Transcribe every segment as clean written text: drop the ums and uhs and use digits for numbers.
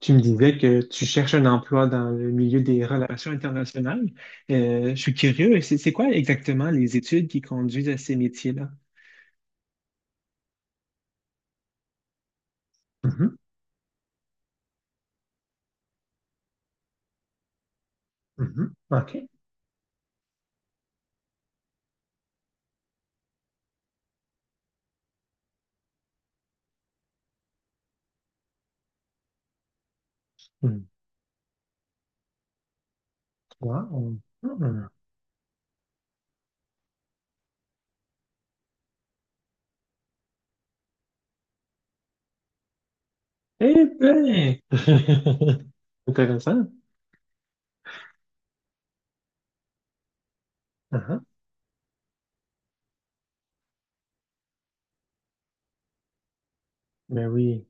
Tu me disais que tu cherches un emploi dans le milieu des relations internationales. Je suis curieux, c'est quoi exactement les études qui conduisent à ces métiers-là? Mhm, mhm. OK. Mm, trois, mm. Eh ben! Intéressant. Uh-huh. Ben oui.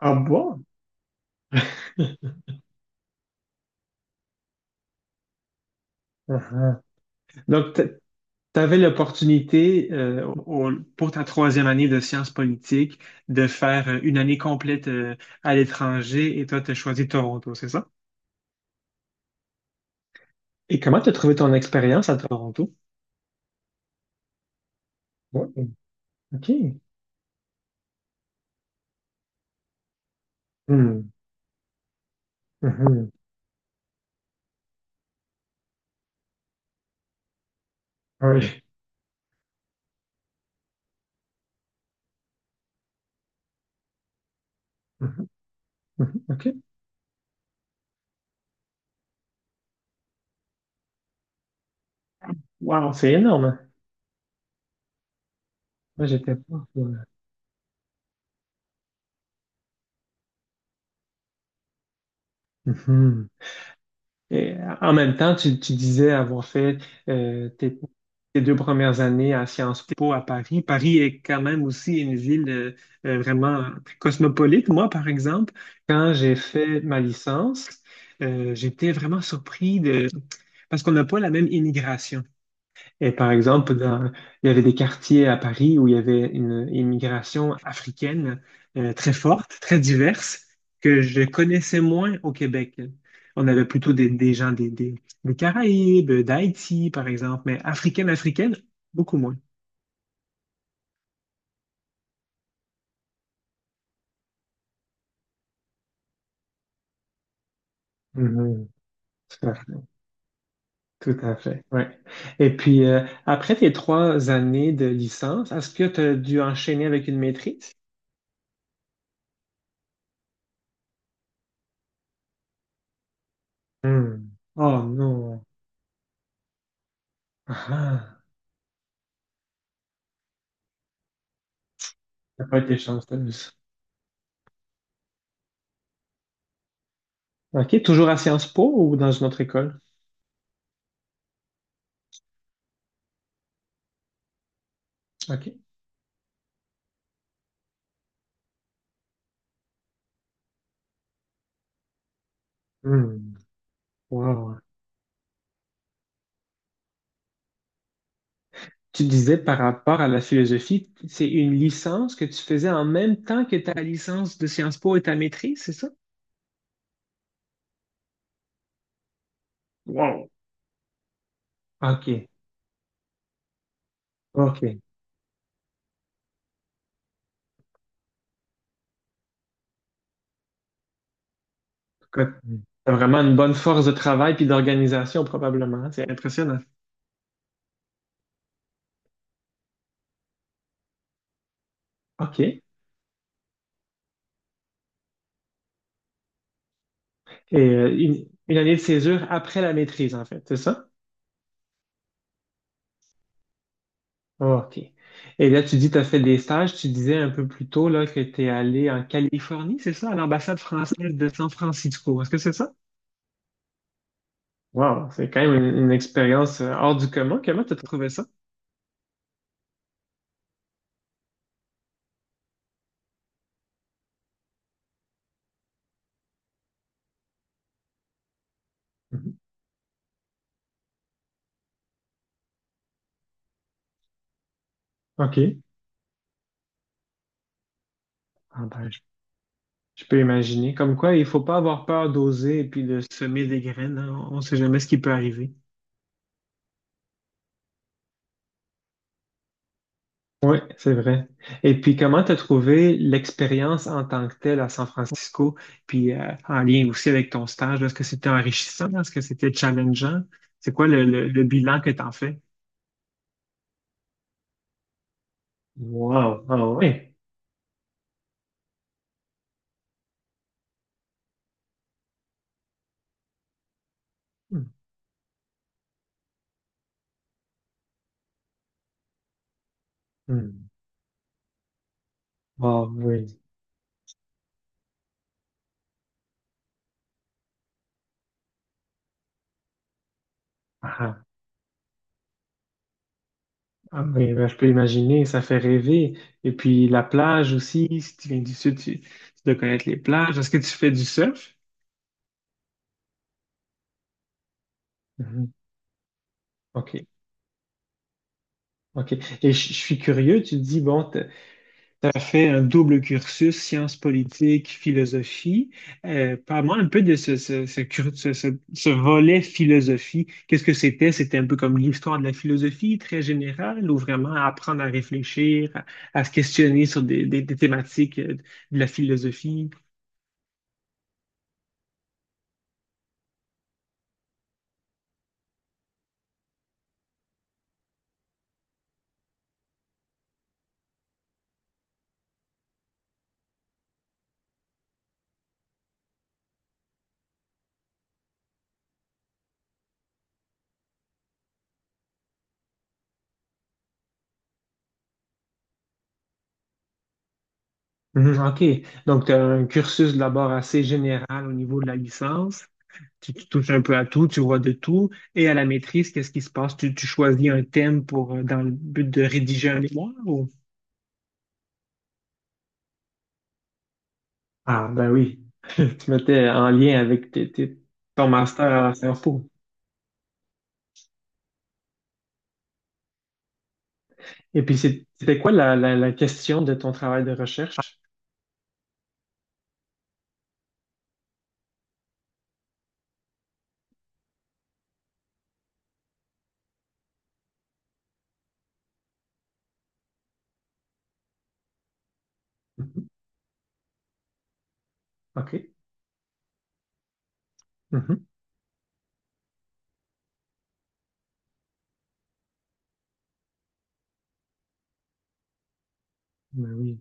Ah bon? Uh-huh. Donc, tu avais l'opportunité au- au- pour ta troisième année de sciences politiques de faire une année complète à l'étranger et toi, tu as choisi Toronto, c'est ça? Et comment tu as trouvé ton expérience à Toronto? Ouais, OK. Hmm, mhm, ouais, mhm, mhm, OK. Wow, c'est énorme. Moi, j'étais pas. Ouais. Mhm. Et en même temps, tu disais avoir fait euh, tes, tes deux premières années à Sciences Po à Paris. Paris est quand même aussi une ville vraiment très cosmopolite. Moi, par exemple, quand j'ai fait ma licence, j'étais vraiment surpris de... parce qu'on n'a pas la même immigration. Et par exemple, il y avait des quartiers à Paris où il y avait une immigration africaine très forte, très diverse, que je connaissais moins au Québec. On avait plutôt des gens des des Caraïbes, d'Haïti, par exemple, mais africaine, africaine, beaucoup moins. Mhm. Tout à fait, tout à fait, ouais. Et puis, après tes trois années de licence, est-ce que tu as dû enchaîner avec une maîtrise? Hmm. Oh non, ah, ah. T'as pas été chanceuse. OK, toujours à Sciences Po ou dans une autre école? OK. Hmm. Wow. Tu disais par rapport à la philosophie, c'est une licence que tu faisais en même temps que ta licence de Sciences Po et ta maîtrise, c'est ça? Wow. OK, OK. Tu as vraiment une bonne force de travail puis d'organisation probablement. C'est impressionnant. OK. Et une année de césure après la maîtrise, en fait, c'est ça? Ah, OK. Et là, tu dis, tu as fait des stages. Tu disais un peu plus tôt là, que tu es allé en Californie, c'est ça, à l'ambassade française de San Francisco. Est-ce que c'est ça? Wow, c'est quand même une expérience hors du commun. Comment tu as trouvé ça? Mhm. OK. Ah ben, je peux imaginer. Comme quoi, il faut pas avoir peur d'oser et puis de semer des graines, hein. On ne sait jamais ce qui peut arriver. Oui, c'est vrai. Et puis, comment t'as trouvé l'expérience en tant que telle à San Francisco, puis en lien aussi avec ton stage là? Est-ce que c'était enrichissant? Est-ce que c'était challengeant? C'est quoi le bilan que t'en fais? Wow, ah oui. Hmm, hmm. Ah oui. Ah, ah oui, ben, je peux imaginer, ça fait rêver. Et puis la plage aussi, si tu viens du sud, tu dois connaître les plages. Est-ce que tu fais du surf? Mhm. OK, OK. Et je suis curieux, tu dis, bon, tu as fait un double cursus, sciences politiques, philosophie. Parle-moi un peu de ce, ce, ce cur- ce- ce- ce volet philosophie. Qu'est-ce que c'était? C'était un peu comme l'histoire de la philosophie, très générale, ou vraiment apprendre à réfléchir, à se questionner sur des thématiques de la philosophie. Mhm, OK. Donc, tu as un cursus d'abord assez général au niveau de la licence. Tu touches un peu à tout, tu vois de tout. Et à la maîtrise, qu'est-ce qui se passe? Tu choisis un thème pour, dans le but de rédiger un mémoire ou? Ah, ben oui. Tu mettais en lien avec ton master à Sciences Po. Et puis, c'était quoi la question de ton travail de recherche? Mhm. OK. Mhm. Ben oui.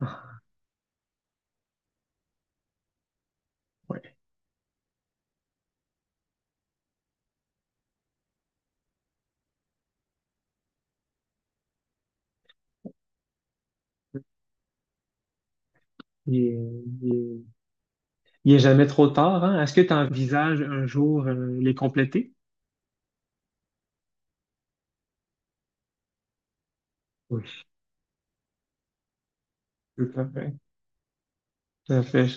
Ah, ouais. Il est, il est- il est jamais trop tard, hein? Est-ce que tu envisages un jour les compléter? Oui, tout à fait. Tout à fait.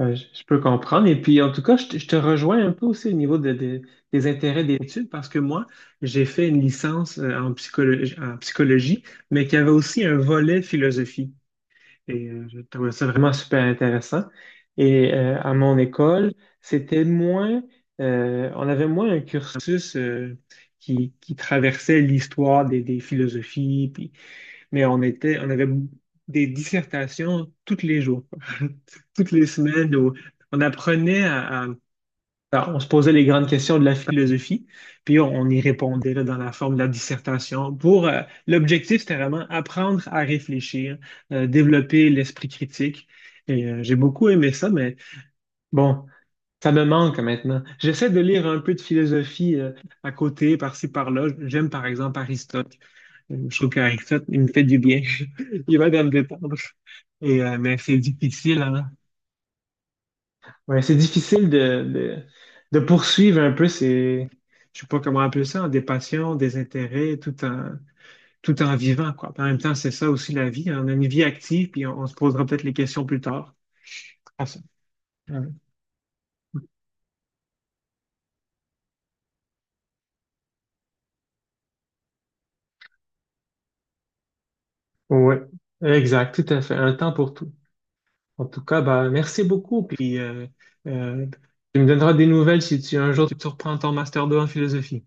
Je peux comprendre. Et puis, en tout cas, je te rejoins un peu aussi au niveau des intérêts d'études parce que moi, j'ai fait une licence en psychologie, mais qui avait aussi un volet philosophie. Et je trouvais ça vraiment super intéressant. Et à mon école, c'était moins, on avait moins un cursus qui traversait l'histoire des philosophies. Puis mais on avait des dissertations tous les jours, toutes les semaines où on apprenait alors, on se posait les grandes questions de la philosophie, puis on y répondait là, dans la forme de la dissertation. Pour l'objectif, c'était vraiment apprendre à réfléchir, développer l'esprit critique. Et j'ai beaucoup aimé ça, mais bon, ça me manque maintenant. J'essaie de lire un peu de philosophie à côté, par-ci, par-là. J'aime par exemple Aristote. Je trouve qu'avec ça, il me fait du bien. Il va de me détendre. Et, mais c'est difficile, hein. Ouais, c'est difficile de poursuivre un peu ces, je sais pas comment appeler ça, des passions, des intérêts, tout en, tout en vivant, quoi. En même temps, c'est ça aussi la vie, hein. On a une vie active, puis on se posera peut-être les questions plus tard. Ah, ça. Ouais. Ouais, exact, tout à fait. Un temps pour tout. En tout cas, bah, merci beaucoup. Puis, euh, tu me donneras des nouvelles si tu, un jour tu reprends ton master 2 en philosophie.